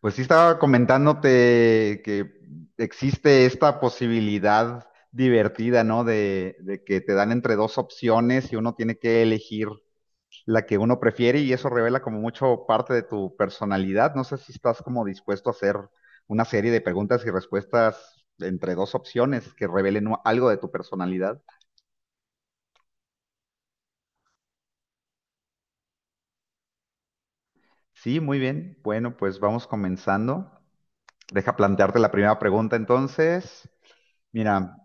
Pues sí estaba comentándote que existe esta posibilidad divertida, ¿no? De que te dan entre dos opciones y uno tiene que elegir la que uno prefiere y eso revela como mucho parte de tu personalidad. No sé si estás como dispuesto a hacer una serie de preguntas y respuestas entre dos opciones que revelen algo de tu personalidad. Sí, muy bien. Bueno, pues vamos comenzando. Deja plantearte la primera pregunta entonces. Mira,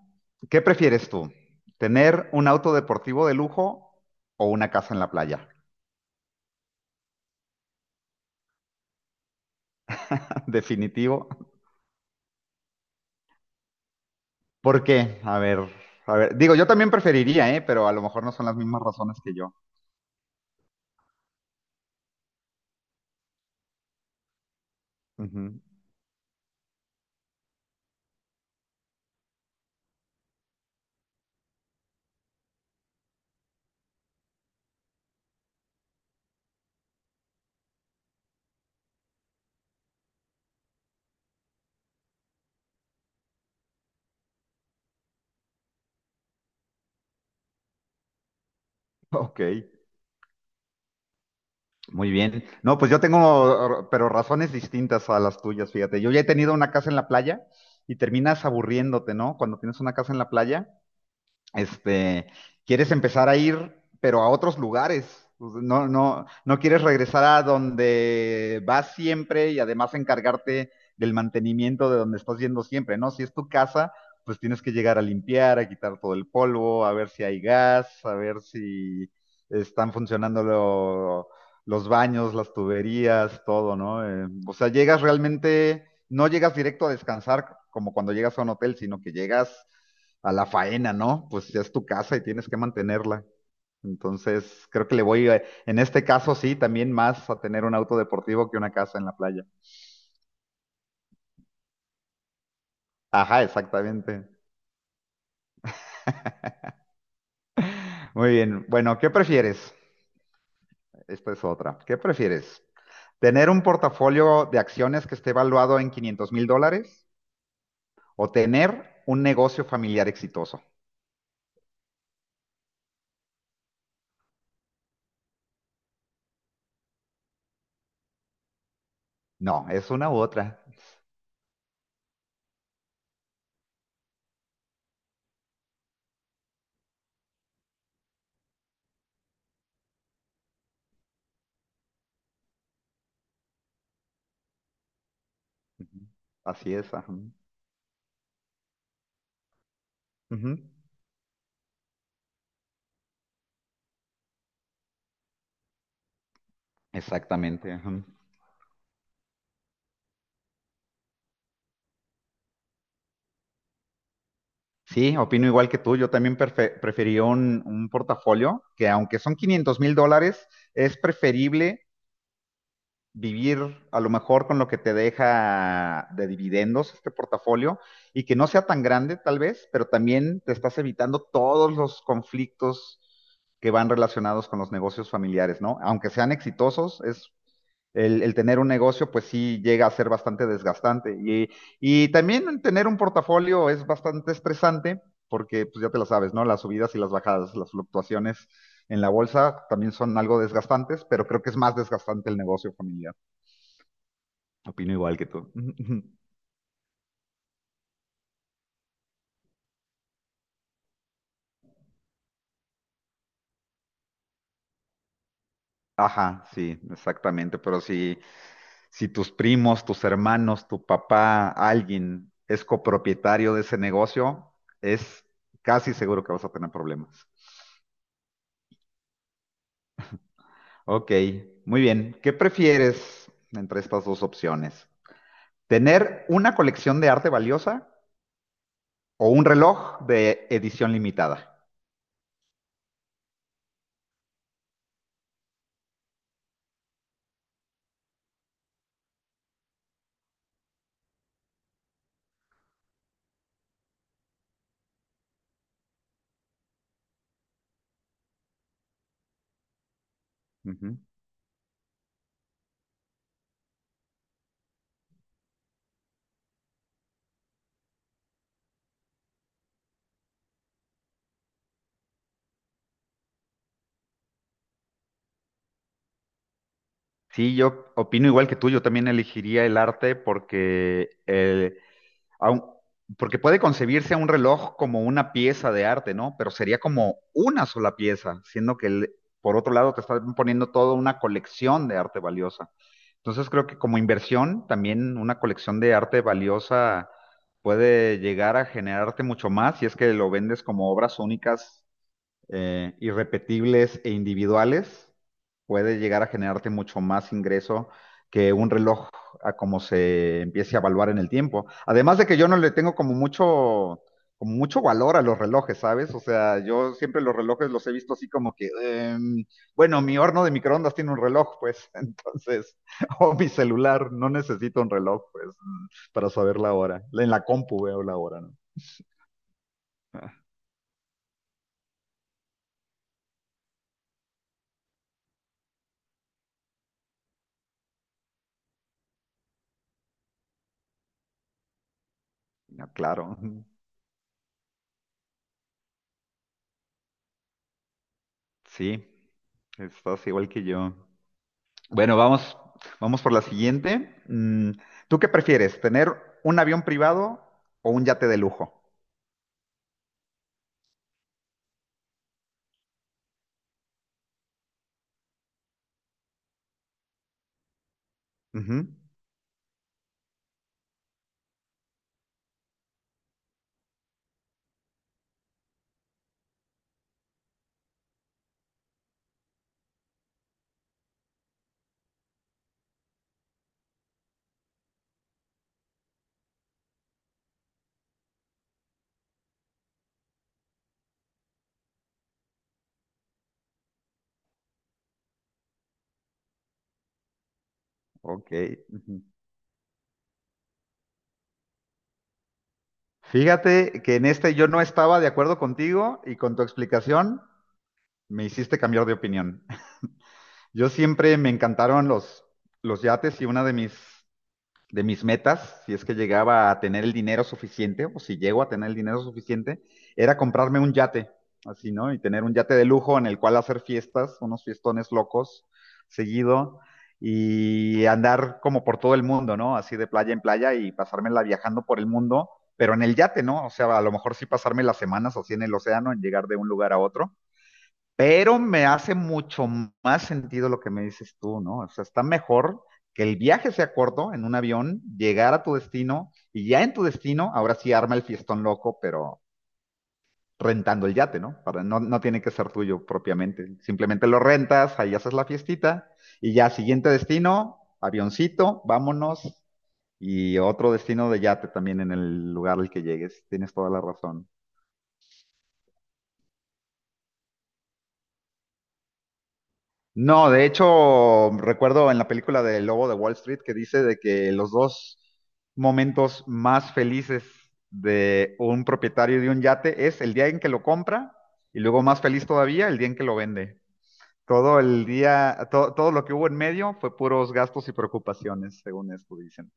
¿qué prefieres tú? ¿Tener un auto deportivo de lujo o una casa en la playa? Definitivo. ¿Por qué? A ver, a ver. Digo, yo también preferiría, ¿eh? Pero a lo mejor no son las mismas razones que yo. Ujú. Ok, muy bien. No, pues yo tengo, pero razones distintas a las tuyas, fíjate. Yo ya he tenido una casa en la playa y terminas aburriéndote, ¿no? Cuando tienes una casa en la playa, este, quieres empezar a ir, pero a otros lugares. No, no, no quieres regresar a donde vas siempre y además encargarte del mantenimiento de donde estás yendo siempre, ¿no? Si es tu casa, pues tienes que llegar a limpiar, a quitar todo el polvo, a ver si hay gas, a ver si están funcionando los baños, las tuberías, todo, ¿no? O sea, llegas realmente no llegas directo a descansar como cuando llegas a un hotel, sino que llegas a la faena, ¿no? Pues ya es tu casa y tienes que mantenerla. Entonces, creo que le voy, en este caso sí, también más a tener un auto deportivo que una casa en la playa. Ajá, exactamente. Muy bien. Bueno, ¿qué prefieres? Esta es otra. ¿Qué prefieres? ¿Tener un portafolio de acciones que esté valuado en 500 mil dólares o tener un negocio familiar exitoso? No, es una u otra. Ujú. Así es. Ajá. Ujú. Exactamente. Ajá. Sí, opino igual que tú. Yo también preferiría un portafolio que aunque son 500 mil dólares, es preferible vivir a lo mejor con lo que te deja de dividendos este portafolio y que no sea tan grande tal vez, pero también te estás evitando todos los conflictos que van relacionados con los negocios familiares, ¿no? Aunque sean exitosos, es el tener un negocio pues sí llega a ser bastante desgastante y también tener un portafolio es bastante estresante porque pues ya te lo sabes, ¿no? Las subidas y las bajadas, las fluctuaciones en la bolsa también son algo desgastantes, pero creo que es más desgastante el negocio familiar. Opino igual que tú. Ajá, sí, exactamente. Pero si tus primos, tus hermanos, tu papá, alguien es copropietario de ese negocio, es casi seguro que vas a tener problemas. Ok, muy bien. ¿Qué prefieres entre estas dos opciones? ¿Tener una colección de arte valiosa o un reloj de edición limitada? Ujú. Sí, yo opino igual que tú. Yo también elegiría el arte aun- porque puede concebirse a un reloj como una pieza de arte, ¿no? Pero sería como una sola pieza, siendo que por otro lado te están poniendo toda una colección de arte valiosa. Entonces creo que como inversión, también una colección de arte valiosa puede llegar a generarte mucho más si es que lo vendes como obras únicas, irrepetibles e individuales, puede llegar a generarte mucho más ingreso que un reloj a como se empiece a evaluar en el tiempo. Además de que yo no le tengo como mucho valor a los relojes, ¿sabes? O sea, yo siempre los relojes los he visto así como que, bueno, mi horno de microondas tiene un reloj, pues, entonces, o mi celular, no necesito un reloj, pues, para saber la hora. En la compu veo la hora, ¿no? Ah, claro, sí, estás igual que yo. Bueno, vamos, vamos por la siguiente. ¿Tú qué prefieres, tener un avión privado o un yate de lujo? Ujú. Ok. Ujú. Fíjate que en este yo no estaba de acuerdo contigo y con tu explicación me hiciste cambiar de opinión. Yo siempre me encantaron los yates y una de mis metas, si es que llegaba a tener el dinero suficiente, o si llego a tener el dinero suficiente, era comprarme un yate, así, ¿no? Y tener un yate de lujo en el cual hacer fiestas, unos fiestones locos, seguido, y andar como por todo el mundo, ¿no? Así de playa en playa y pasármela viajando por el mundo, pero en el yate, ¿no? O sea, a lo mejor sí pasarme las semanas así en el océano, en llegar de un lugar a otro, pero me hace mucho más sentido lo que me dices tú, ¿no? O sea, está mejor que el viaje sea corto en un avión, llegar a tu destino y ya en tu destino, ahora sí arma el fiestón loco, pero rentando el yate, ¿no? Para, no, no tiene que ser tuyo propiamente. Simplemente lo rentas, ahí haces la fiestita y ya siguiente destino, avioncito, vámonos y otro destino de yate también en el lugar al que llegues. Tienes toda la razón. No, de hecho, recuerdo en la película de Lobo de Wall Street que dice de que los dos momentos más felices de un propietario de un yate es el día en que lo compra y luego más feliz todavía el día en que lo vende. Todo el día, todo lo que hubo en medio fue puros gastos y preocupaciones, según esto dicen.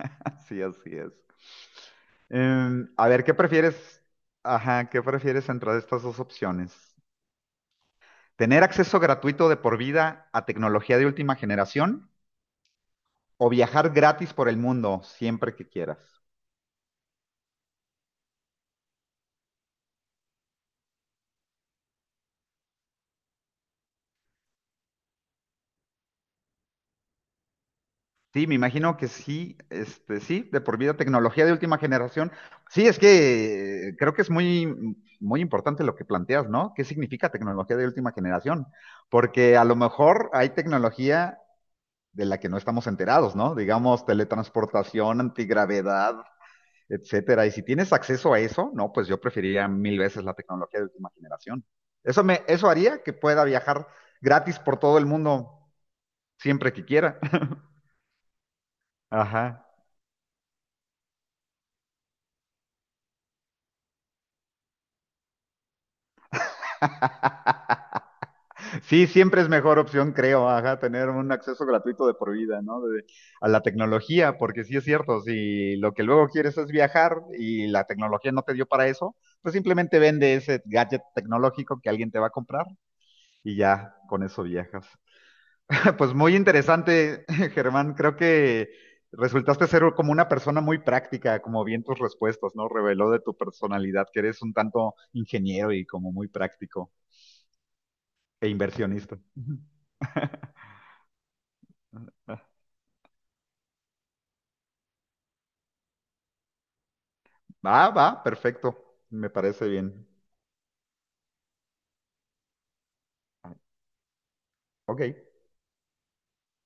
Así, así es. A ver, ¿qué prefieres? Ajá, ¿qué prefieres entre estas dos opciones? Tener acceso gratuito de por vida a tecnología de última generación o viajar gratis por el mundo siempre que quieras. Sí, me imagino que sí, este, sí, de por vida tecnología de última generación. Sí, es que creo que es muy, muy importante lo que planteas, ¿no? ¿Qué significa tecnología de última generación? Porque a lo mejor hay tecnología de la que no estamos enterados, ¿no? Digamos, teletransportación, antigravedad, etcétera. Y si tienes acceso a eso, no, pues yo preferiría mil veces la tecnología de última generación. Eso me, eso haría que pueda viajar gratis por todo el mundo siempre que quiera. Ajá. Sí, siempre es mejor opción, creo, ajá, tener un acceso gratuito de por vida, ¿no? A la tecnología, porque sí es cierto, si lo que luego quieres es viajar y la tecnología no te dio para eso, pues simplemente vende ese gadget tecnológico que alguien te va a comprar y ya con eso viajas. Pues muy interesante, Germán. Creo que resultaste ser como una persona muy práctica, como bien tus respuestas, ¿no? Reveló de tu personalidad que eres un tanto ingeniero y como muy práctico e inversionista. Va, va, perfecto. Me parece bien. Ok.